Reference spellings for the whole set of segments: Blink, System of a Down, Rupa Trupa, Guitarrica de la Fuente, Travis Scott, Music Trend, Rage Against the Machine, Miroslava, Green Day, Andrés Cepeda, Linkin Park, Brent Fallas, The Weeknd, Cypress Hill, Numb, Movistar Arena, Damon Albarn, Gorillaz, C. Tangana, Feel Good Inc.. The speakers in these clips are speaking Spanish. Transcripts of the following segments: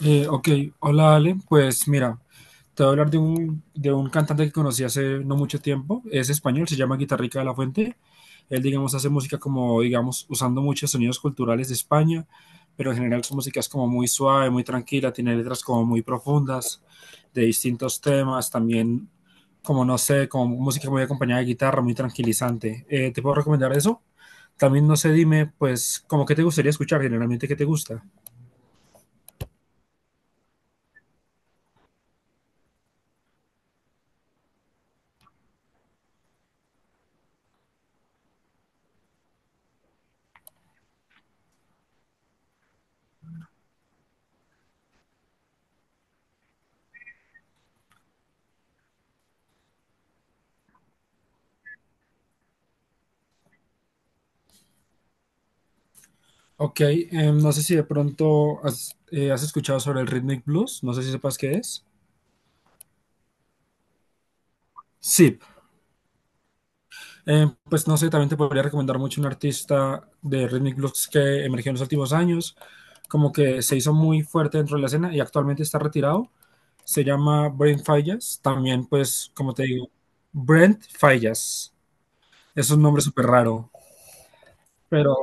Eh, ok, hola Ale, pues mira, te voy a hablar de de un cantante que conocí hace no mucho tiempo. Es español, se llama Guitarrica de la Fuente. Él, digamos, hace música como, digamos, usando muchos sonidos culturales de España, pero en general su música es como muy suave, muy tranquila, tiene letras como muy profundas, de distintos temas. También, como no sé, como música muy acompañada de guitarra, muy tranquilizante. ¿Te puedo recomendar eso? También no sé, dime, pues, como qué te gustaría escuchar, generalmente qué te gusta. Ok. No sé si de pronto has escuchado sobre el rhythmic blues, no sé si sepas qué es. Sí. Pues no sé, también te podría recomendar mucho un artista de rhythmic blues que emergió en los últimos años, como que se hizo muy fuerte dentro de la escena y actualmente está retirado. Se llama Brent Fallas. También, pues como te digo, Brent Fallas, es un nombre súper raro, pero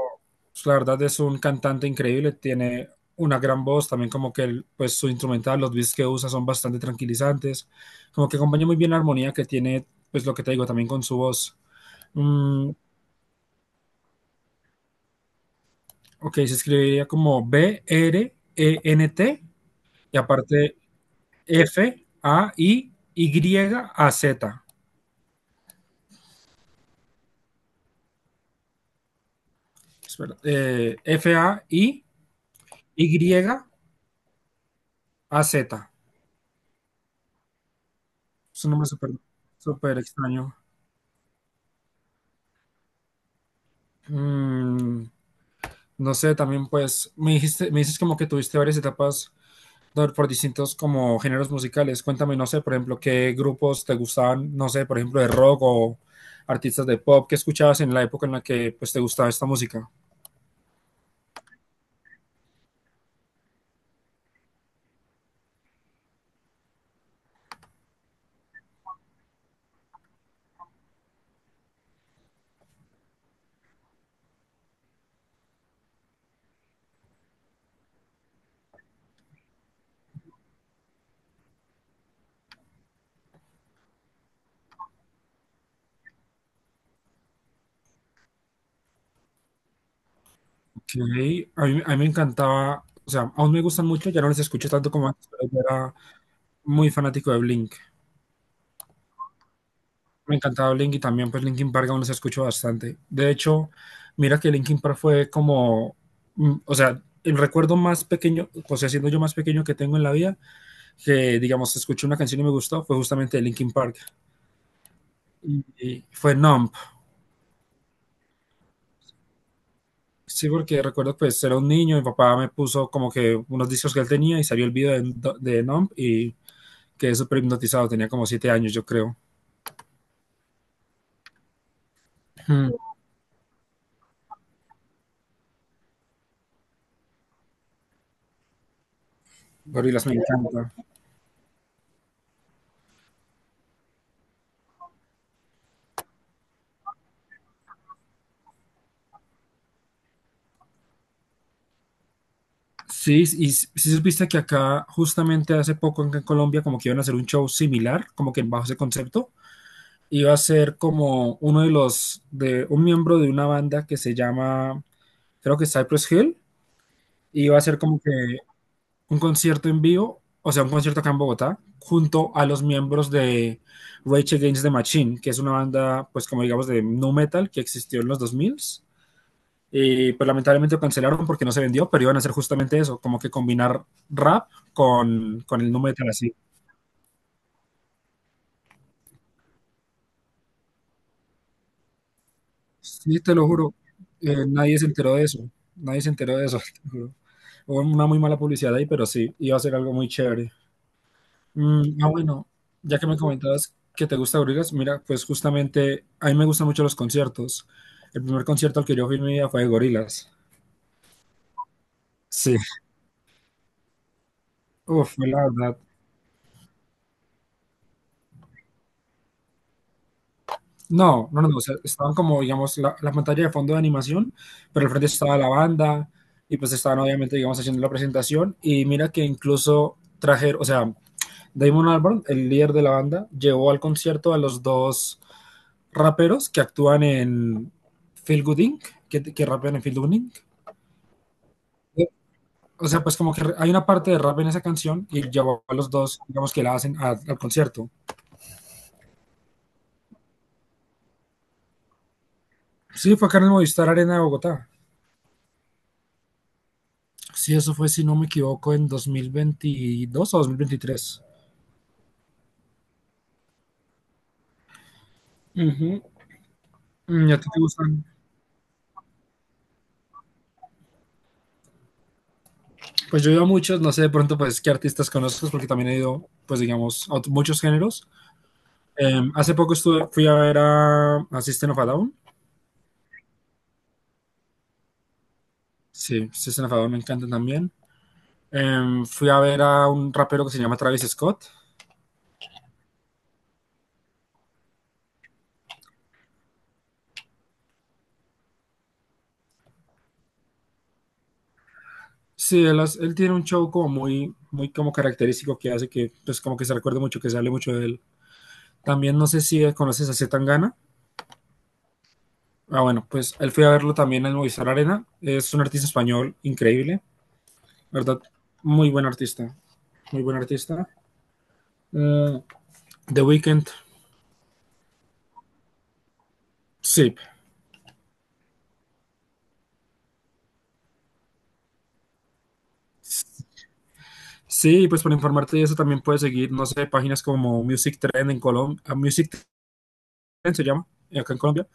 pues, la verdad, es un cantante increíble. Tiene una gran voz, también como que el, pues su instrumental, los beats que usa son bastante tranquilizantes, como que acompaña muy bien la armonía que tiene, pues lo que te digo, también con su voz. Mm, ok, se escribiría como B-R-E-N-T y aparte F-A-I-Y-A-Z. Espera, F-A-I-Y-A-Z. Es un nombre súper extraño. Mm. No sé, también pues me dices como que tuviste varias etapas por distintos como géneros musicales. Cuéntame, no sé, por ejemplo, qué grupos te gustaban, no sé, por ejemplo, de rock o artistas de pop que escuchabas en la época en la que pues te gustaba esta música. Ok, a mí me encantaba, o sea, aún me gustan mucho, ya no les escucho tanto como antes, pero yo era muy fanático de Blink. Me encantaba Blink y también pues Linkin Park aún los escucho bastante. De hecho, mira que Linkin Park fue como, mm, o sea, el recuerdo más pequeño, o sea, siendo yo más pequeño, que tengo en la vida, que digamos escuché una canción y me gustó, fue justamente de Linkin Park. Y fue Numb. Sí, porque recuerdo pues era un niño, mi papá me puso como que unos discos que él tenía y salió el video de Numb y quedé súper hipnotizado. Tenía como 7 años, yo creo. Mm. Gorilas me encanta. Sí, y si supiste que acá, justamente hace poco acá en Colombia, como que iban a hacer un show similar, como que bajo ese concepto, iba a ser como uno de los, de un miembro de una banda que se llama, creo que Cypress Hill, y iba a ser como que un concierto en vivo, o sea, un concierto acá en Bogotá, junto a los miembros de Rage Against the Machine, que es una banda, pues como digamos, de nu metal que existió en los 2000. Y pues lamentablemente lo cancelaron porque no se vendió, pero iban a hacer justamente eso, como que combinar rap con el nu metal así. Sí, te lo juro, nadie se enteró de eso, nadie se enteró de eso, te juro. Hubo una muy mala publicidad ahí, pero sí, iba a ser algo muy chévere. Mm, ah, bueno, ya que me comentabas que te gusta Gorillaz, mira, pues justamente a mí me gustan mucho los conciertos. El primer concierto al que yo fui en mi vida fue de Gorillaz. Sí, uf, fue la verdad. No, no, no, no, o sea, estaban como, digamos, la pantalla de fondo de animación, pero al frente estaba la banda y pues estaban obviamente, digamos, haciendo la presentación y mira que incluso trajeron, o sea, Damon Albarn, el líder de la banda, llevó al concierto a los dos raperos que actúan en Feel Good Inc., que rapean en Feel Good Inc. O sea, pues como que hay una parte de rap en esa canción y llevó a los dos, digamos, que la hacen al concierto. Sí, fue acá en el Movistar Arena de Bogotá. Sí, eso fue, si no me equivoco, en 2022 o 2023. Ujú. Mm, ¿y a ti te gustan? Pues yo he ido a muchos, no sé de pronto pues qué artistas conozcas, porque también he ido, pues digamos, a muchos géneros. Hace poco estuve, fui a ver a System of a Down. Sí, System of a Down me encanta también. Fui a ver a un rapero que se llama Travis Scott. Sí, él, él tiene un show como muy, muy como característico, que hace que, pues como que se recuerde mucho, que se hable mucho de él. También no sé si conoces a C. Tangana. Ah, bueno, pues él fui a verlo también en Movistar Arena. Es un artista español increíble, ¿verdad? Muy buen artista, muy buen artista. Eh, The Weeknd, sí. Sí, pues para informarte de eso también puedes seguir, no sé, páginas como Music Trend en Colombia, Music Trend se llama, acá en Colombia.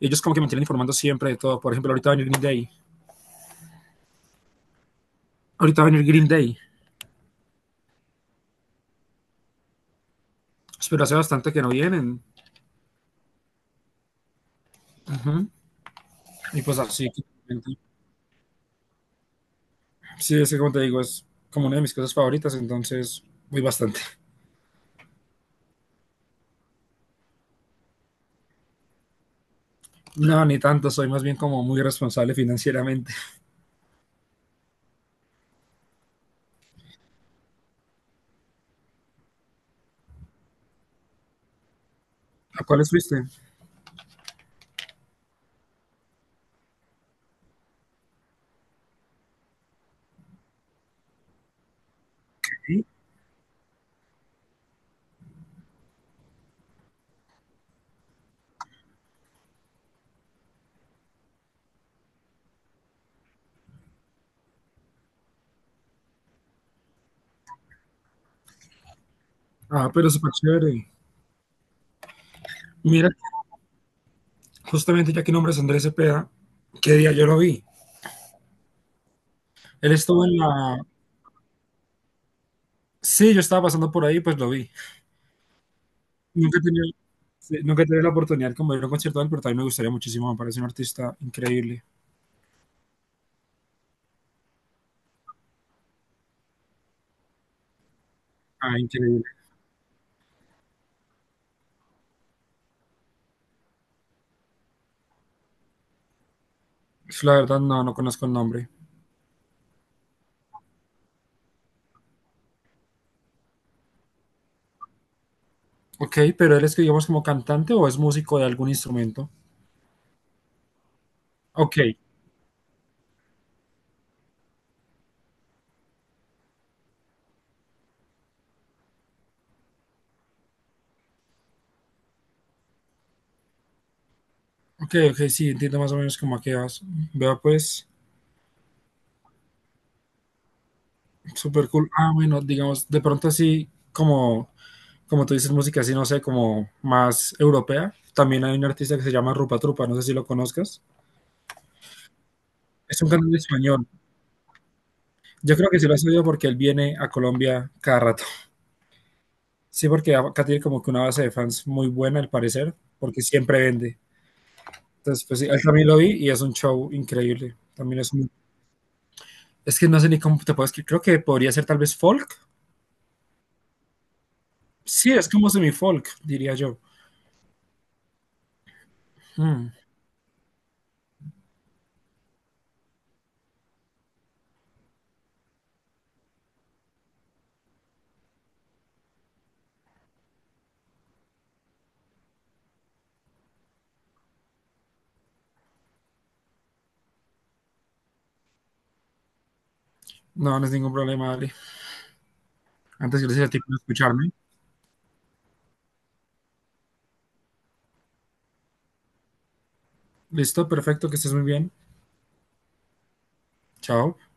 Ellos como que me tienen informando siempre de todo. Por ejemplo, ahorita va a venir Green Day. Ahorita va a venir Green Day. Pero hace bastante que no vienen. Ujú. Y pues así. Sí, es que como te digo, es como una de mis cosas favoritas, entonces voy bastante. No, ni tanto, soy más bien como muy responsable financieramente. ¿A cuáles fuiste? Sí. Ah, pero súper chévere. Mira, justamente ya que nombres Andrés Cepeda, ¿qué día yo lo vi? Él estuvo en la... Sí, yo estaba pasando por ahí, pues lo vi. Nunca he tenido, sí, nunca he tenido la oportunidad como de ir a un concierto de él, pero también me gustaría muchísimo, me parece un artista increíble. Ah, increíble. La verdad no, no conozco el nombre. Ok, pero él es que digamos como cantante o es músico de algún instrumento. Ok, ok, ok, sí, entiendo más o menos como a qué vas. Vea pues. Súper cool. Ah, bueno, digamos, de pronto así como, como tú dices, música así, no sé, como más europea. También hay un artista que se llama Rupa Trupa, no sé si lo conozcas. Es un cantante español. Yo creo que sí lo has oído porque él viene a Colombia cada rato. Sí, porque acá tiene como que una base de fans muy buena, al parecer, porque siempre vende. Entonces, pues sí, él también lo vi y es un show increíble. También es un... Es que no sé ni cómo te puedes... Creo que podría ser tal vez folk. Sí, es como semi-folk, diría yo. Mm. No, no es ningún problema, Ali. Antes, gracias a ti por escucharme. Listo, perfecto, que estés muy bien. Chao.